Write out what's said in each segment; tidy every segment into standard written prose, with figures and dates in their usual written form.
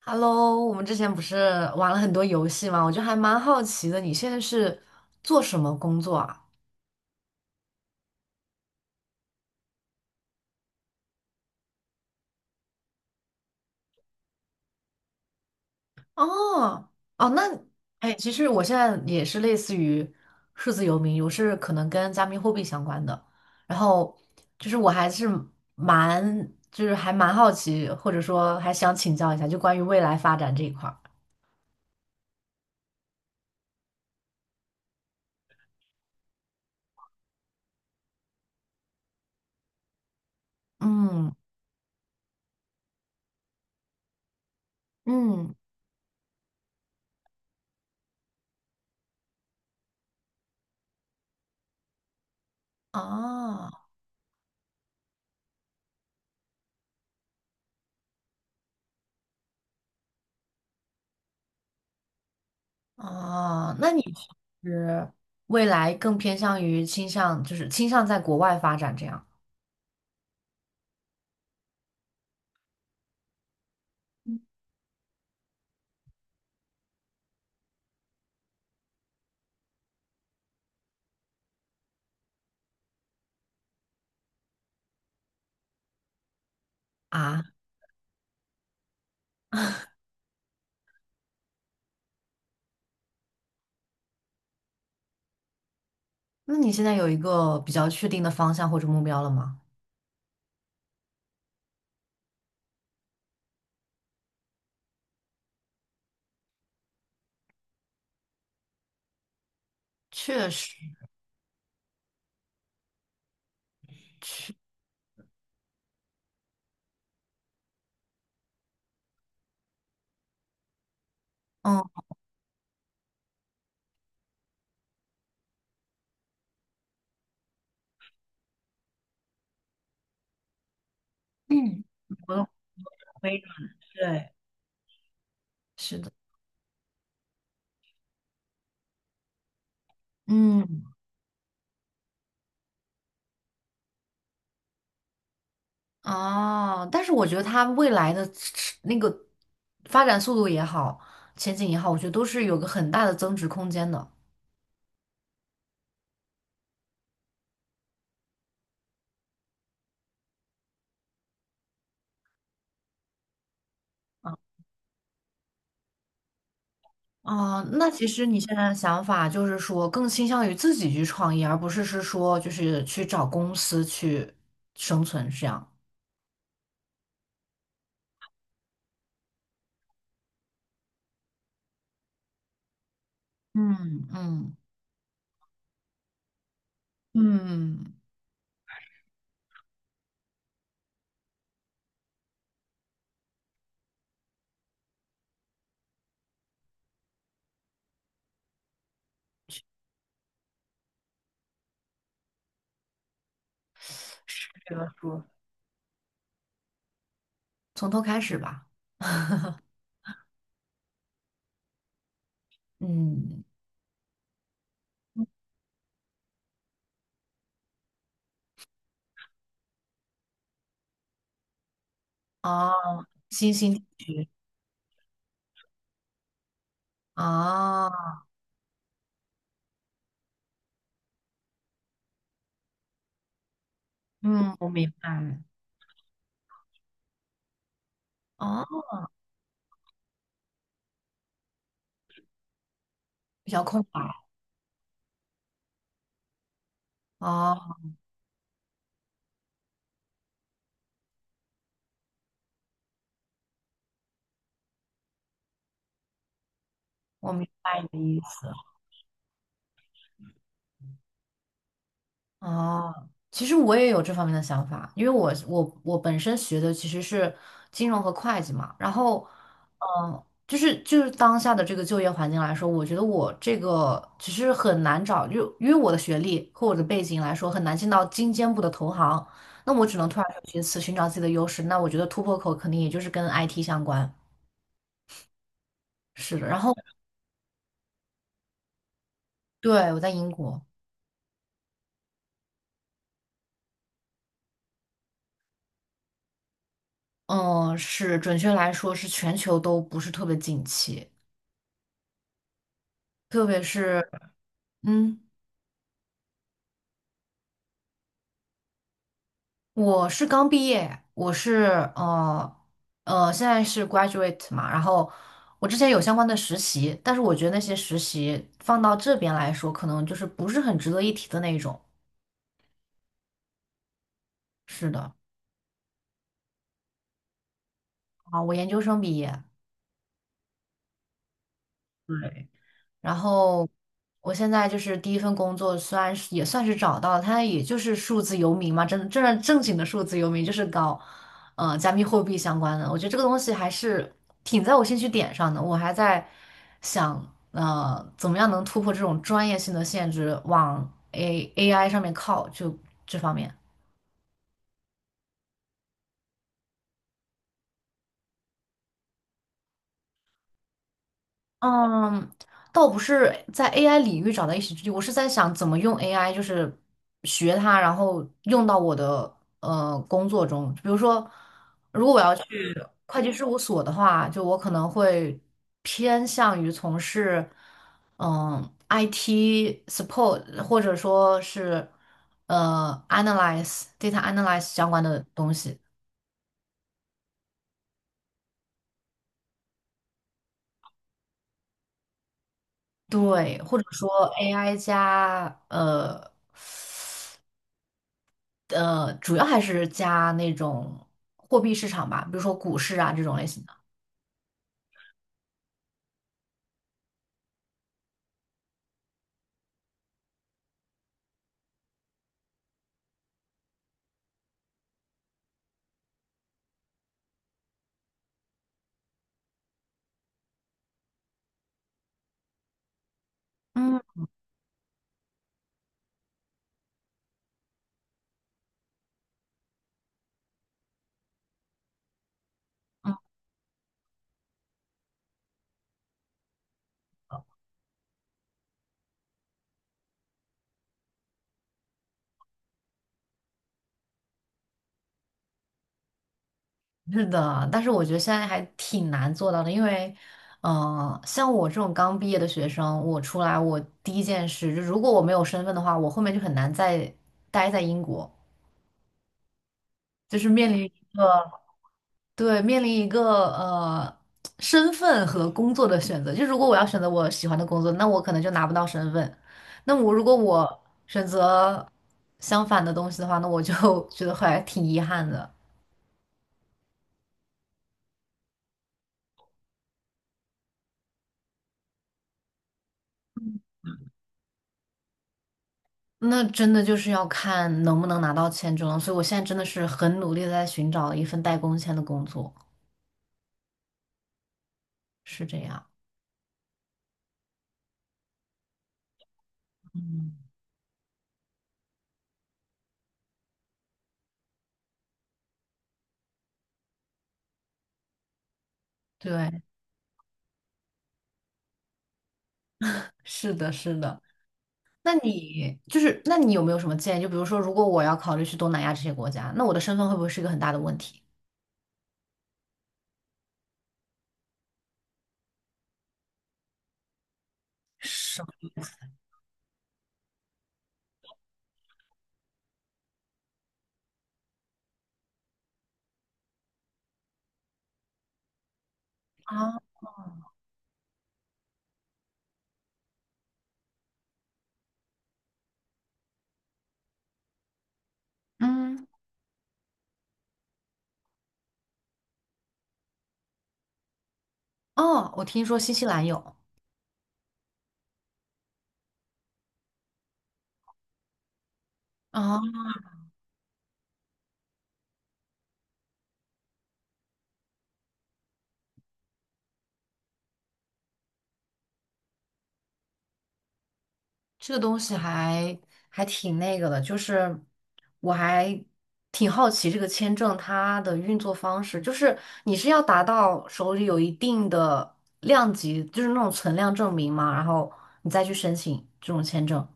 Hello，我们之前不是玩了很多游戏吗？我就还蛮好奇的，你现在是做什么工作啊？哦，哦，那，哎，其实我现在也是类似于数字游民，我是可能跟加密货币相关的。然后我还是蛮，就是还蛮好奇，或者说还想请教一下，就关于未来发展这一块儿。嗯嗯，哦。哦，那你是未来更偏向于倾向，就是倾向在国外发展这样啊？那你现在有一个比较确定的方向或者目标了吗？确实，确，嗯，嗯，我懂微软，对，是的，嗯，哦，但是我觉得它未来的那个发展速度也好，前景也好，我觉得都是有个很大的增值空间的。啊。哦，那其实你现在的想法就是说，更倾向于自己去创业，而不是是说就是去找公司去生存这样。嗯嗯嗯，这个说从头开始吧。嗯，哦，星星啊，哦嗯，我明白了。哦，比较空白。哦，我明白你的意思。哦，其实我也有这方面的想法，因为我本身学的其实是金融和会计嘛，然后，嗯、就是当下的这个就业环境来说，我觉得我这个其实很难找，就因为我的学历和我的背景来说，很难进到精尖部的投行，那我只能突然求其次，寻找自己的优势。那我觉得突破口肯定也就是跟 IT 相关，是的。然后，对，我在英国，嗯，是准确来说是全球都不是特别景气，特别是。嗯，我是刚毕业，我是呃现在是 graduate 嘛，然后我之前有相关的实习，但是我觉得那些实习放到这边来说，可能就是不是很值得一提的那种。是的，啊，我研究生毕业。对。然后我现在就是第一份工作，虽然是也算是找到了，它也就是数字游民嘛，真正正正经的数字游民，就是搞加密货币相关的。我觉得这个东西还是挺在我兴趣点上的，我还在想怎么样能突破这种专业性的限制，往 AI 上面靠，就这方面。嗯，倒不是在 AI 领域找到一席之地，我是在想怎么用 AI，就是学它，然后用到我的工作中。比如说，如果我要去会计事务所的话，就我可能会偏向于从事嗯 IT support，或者说是analyze data 相关的东西。对，或者说 AI 加主要还是加那种货币市场吧，比如说股市啊这种类型的。嗯嗯，是的，但是我觉得现在还挺难做到的，因为，嗯、像我这种刚毕业的学生，我出来我第一件事，就如果我没有身份的话，我后面就很难再待在英国，就是面临一个对，面临一个呃身份和工作的选择。就如果我要选择我喜欢的工作，那我可能就拿不到身份。那我如果我选择相反的东西的话，那我就 觉得还挺遗憾的。那真的就是要看能不能拿到签证了。所以我现在真的是很努力的在寻找一份带工签的工作，是这样。对，是的，是的。那你有没有什么建议？就比如说，如果我要考虑去东南亚这些国家，那我的身份会不会是一个很大的问题？什啊，嗯，哦，我听说新西兰有啊，这个东西还挺那个的，就是我还挺好奇这个签证它的运作方式，就是你是要达到手里有一定的量级，就是那种存量证明嘛，然后你再去申请这种签证。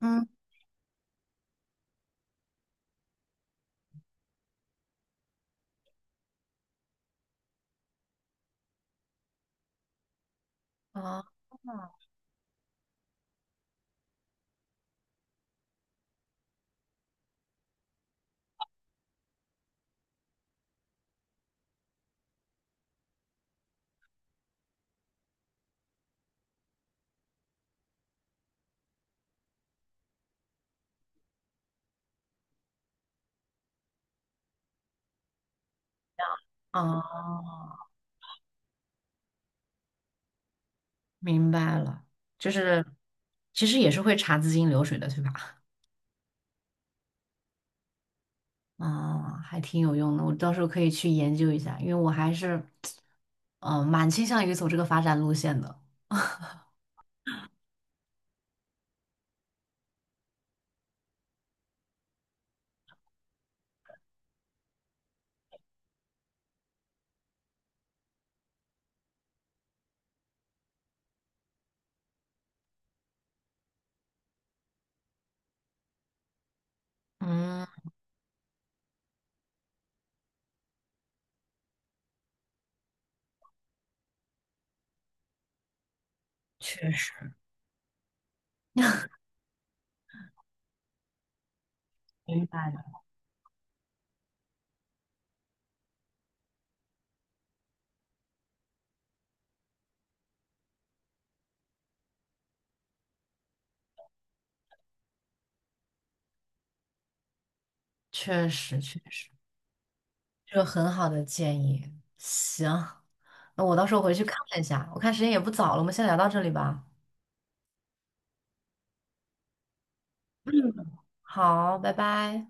嗯，啊哦，明白了，就是其实也是会查资金流水的，对吧？啊，还挺有用的，我到时候可以去研究一下，因为我还是，嗯、蛮倾向于走这个发展路线的。嗯，确实，明白的，确实确实，这个很好的建议。行，那我到时候回去看一下，我看时间也不早了，我们先聊到这里吧。好，拜拜。